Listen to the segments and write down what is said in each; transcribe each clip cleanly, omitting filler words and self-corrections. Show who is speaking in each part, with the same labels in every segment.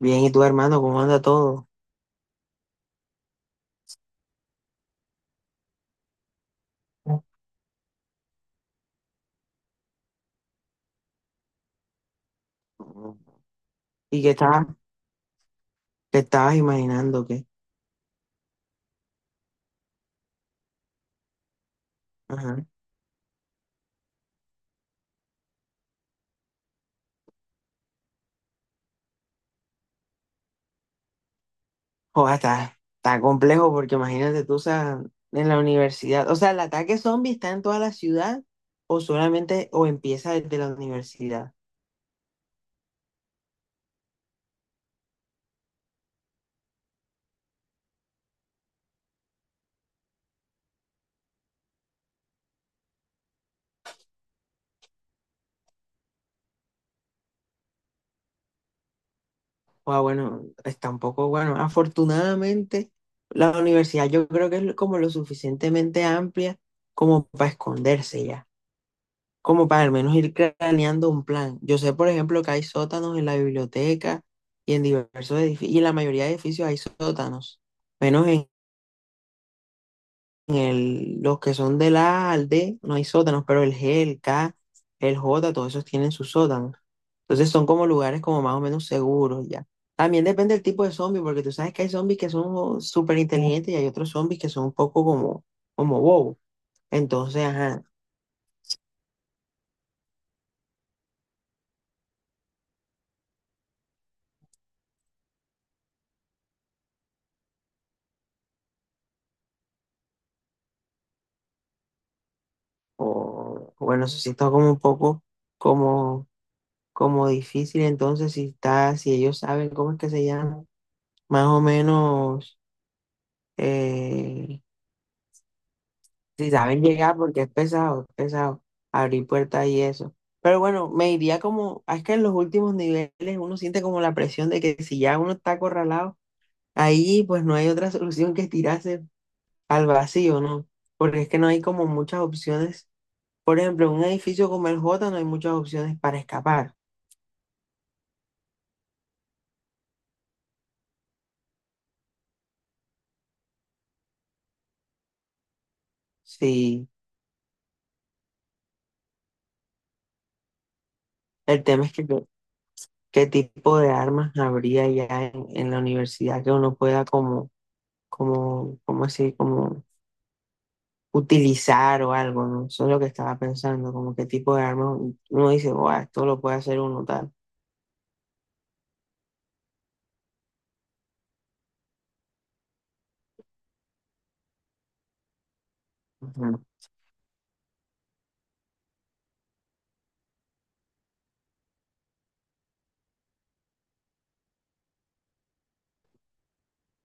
Speaker 1: Bien, ¿y tú, hermano, cómo anda todo? ¿Y qué estabas imaginando? ¿Qué? Ajá. Joder, está complejo porque imagínate tú, o sea, en la universidad, o sea, ¿el ataque zombie está en toda la ciudad o solamente o empieza desde la universidad? O bueno, está un poco, bueno, afortunadamente la universidad yo creo que es como lo suficientemente amplia como para esconderse ya, como para al menos ir craneando un plan. Yo sé, por ejemplo, que hay sótanos en la biblioteca y en diversos edificios, y en la mayoría de edificios hay sótanos, menos en los que son del A al D no hay sótanos, pero el G, el K, el J, todos esos tienen sus sótanos. Entonces son como lugares como más o menos seguros ya. También depende del tipo de zombie, porque tú sabes que hay zombies que son súper inteligentes y hay otros zombies que son un poco como bobos. Entonces, ajá, o bueno, eso sí está como un poco como difícil. Entonces, si está, si ellos saben cómo es que se llama, más o menos, eh, si saben llegar, porque es pesado abrir puertas y eso. Pero bueno, me iría como, es que en los últimos niveles uno siente como la presión de que si ya uno está acorralado, ahí pues no hay otra solución que tirarse al vacío, ¿no? Porque es que no hay como muchas opciones. Por ejemplo, en un edificio como el J no hay muchas opciones para escapar. Sí, el tema es que qué tipo de armas habría ya en la universidad que uno pueda como así, como utilizar o algo, ¿no? Eso es lo que estaba pensando, como qué tipo de armas uno dice, "Guau, esto lo puede hacer uno tal". Ujú.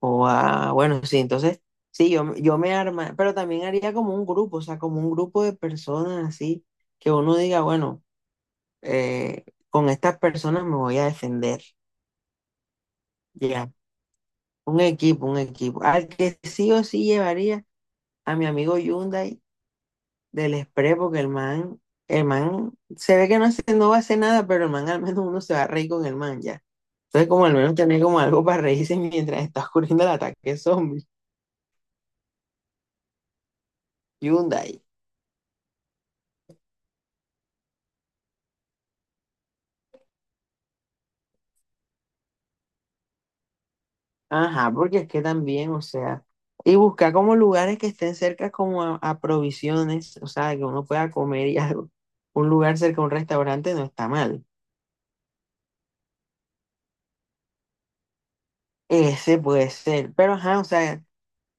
Speaker 1: O ah, bueno, sí, entonces, sí, yo me arma, pero también haría como un grupo, o sea, como un grupo de personas así, que uno diga, bueno, eh, con estas personas me voy a defender, ya, un equipo al que sí o sí llevaría a mi amigo Hyundai del Express, porque el man se ve que no, hace- no va a hacer nada, pero el man al menos uno se va a reír con el man ya. Entonces, como al menos tener como algo para reírse mientras está ocurriendo el ataque zombie. Hyundai. Ajá, porque es que también, o sea, y buscar como lugares que estén cerca como a provisiones, o sea, que uno pueda comer y algo. Un lugar cerca a un restaurante no está mal. Ese puede ser, pero ajá, o sea,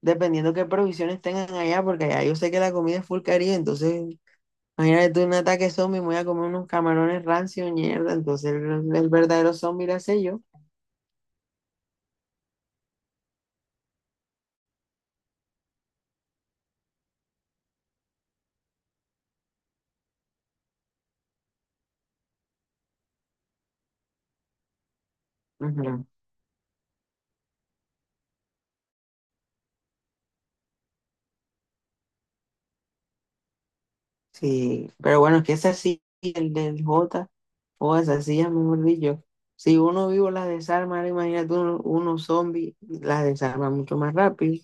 Speaker 1: dependiendo qué provisiones tengan allá, porque allá yo sé que la comida es full caribe, entonces imagínate tú un ataque zombie, me voy a comer unos camarones rancios, mierda. Entonces el verdadero zombie lo sé yo. Ujú. Sí, pero bueno, es que es así, el del J, o esas sillas, mejor dicho. Si uno vivo las desarma, ahora imagínate uno zombie, las desarma mucho más rápido.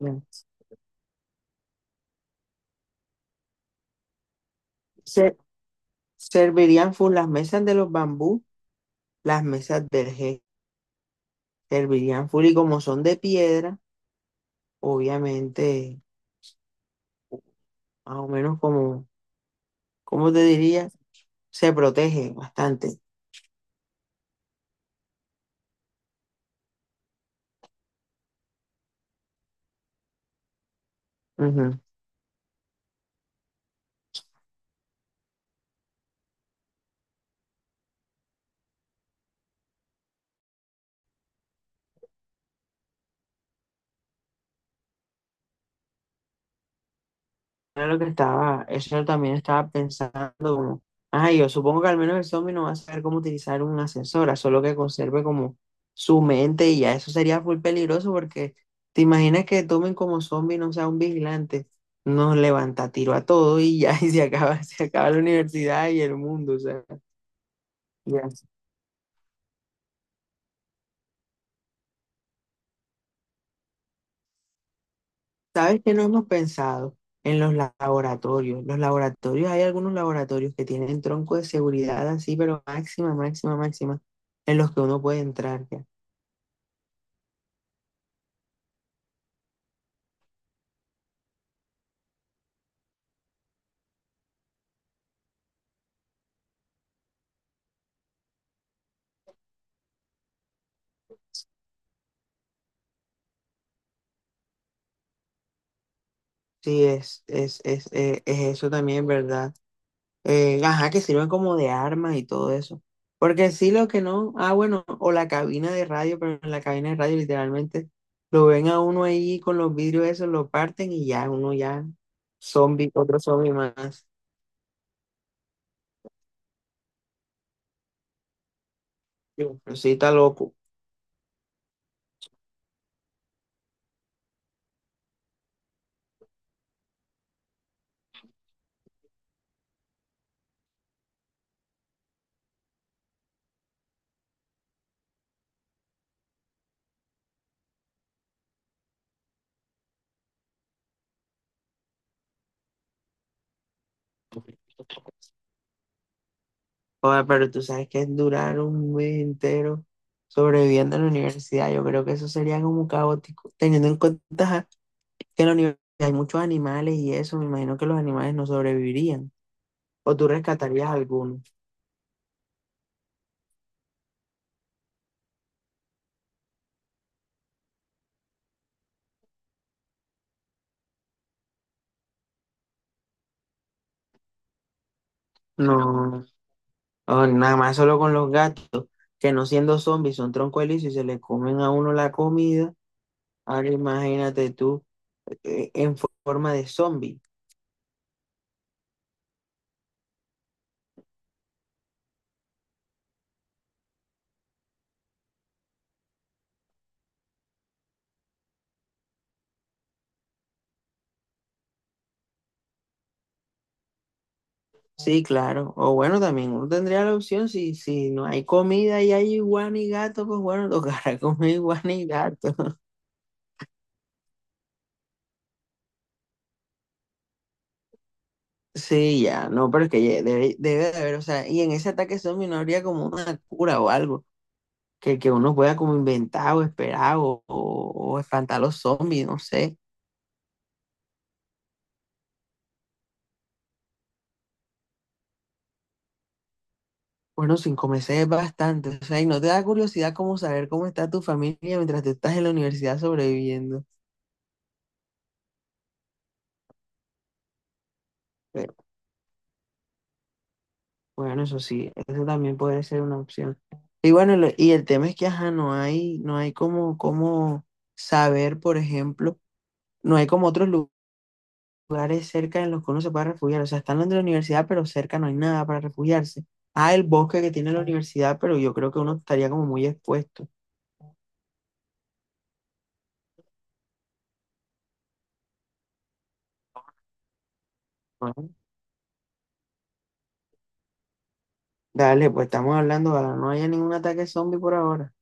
Speaker 1: Ya. Se, servirían full las mesas de los bambú. Las mesas del G servirían full y como son de piedra, obviamente, más o menos como, ¿cómo te diría? Se protege bastante. Ujú. Era lo que estaba, eso también estaba pensando como, ah, yo supongo que al menos el zombie no va a saber cómo utilizar una ascensora, solo que conserve como su mente y ya eso sería full peligroso porque te imaginas que tomen como zombie, no sea un vigilante, nos levanta tiro a todo y ya y se acaba la universidad y el mundo, o sea, ya. ¿Sabes qué no hemos pensado? En los laboratorios. Los laboratorios, hay algunos laboratorios que tienen tronco de seguridad así, pero máxima, máxima, máxima, en los que uno puede entrar ya. Sí, es eso también, ¿verdad? Ajá, que sirven como de armas y todo eso. Porque sí, lo que no, ah, bueno, o la cabina de radio, pero en la cabina de radio literalmente lo ven a uno ahí con los vidrios esos, lo parten y ya, uno ya, zombie, otro zombie más. Yo, pero sí, está loco. Joder, pero tú sabes que es durar un mes entero sobreviviendo en la universidad. Yo creo que eso sería como caótico, teniendo en cuenta ajá, que en la universidad hay muchos animales y eso, me imagino que los animales no sobrevivirían. O tú rescatarías algunos. No, o nada más solo con los gatos, que no siendo zombies son troncoelizos y se le comen a uno la comida. Ahora imagínate tú en forma de zombie. Sí, claro. O bueno, también uno tendría la opción, si no hay comida y hay iguana y gato, pues bueno, tocará comer iguana y gato. Sí, ya, no, pero es que ya debe de haber, o sea, y en ese ataque zombie no habría como una cura o algo, que uno pueda como inventar o esperar o espantar a los zombies, no sé. Bueno, sin comerse es bastante, o sea, y no te da curiosidad como saber cómo está tu familia mientras tú estás en la universidad sobreviviendo. Bueno, eso sí, eso también puede ser una opción. Y bueno, lo- y el tema es que, ajá, no hay como, como saber, por ejemplo, no hay como otros lu- lugares cerca en los que uno se pueda refugiar. O sea, están los de la universidad, pero cerca no hay nada para refugiarse. Ah, el bosque que tiene la universidad, pero yo creo que uno estaría como muy expuesto. Bueno, dale, pues estamos hablando, ojalá no haya ningún ataque zombie por ahora.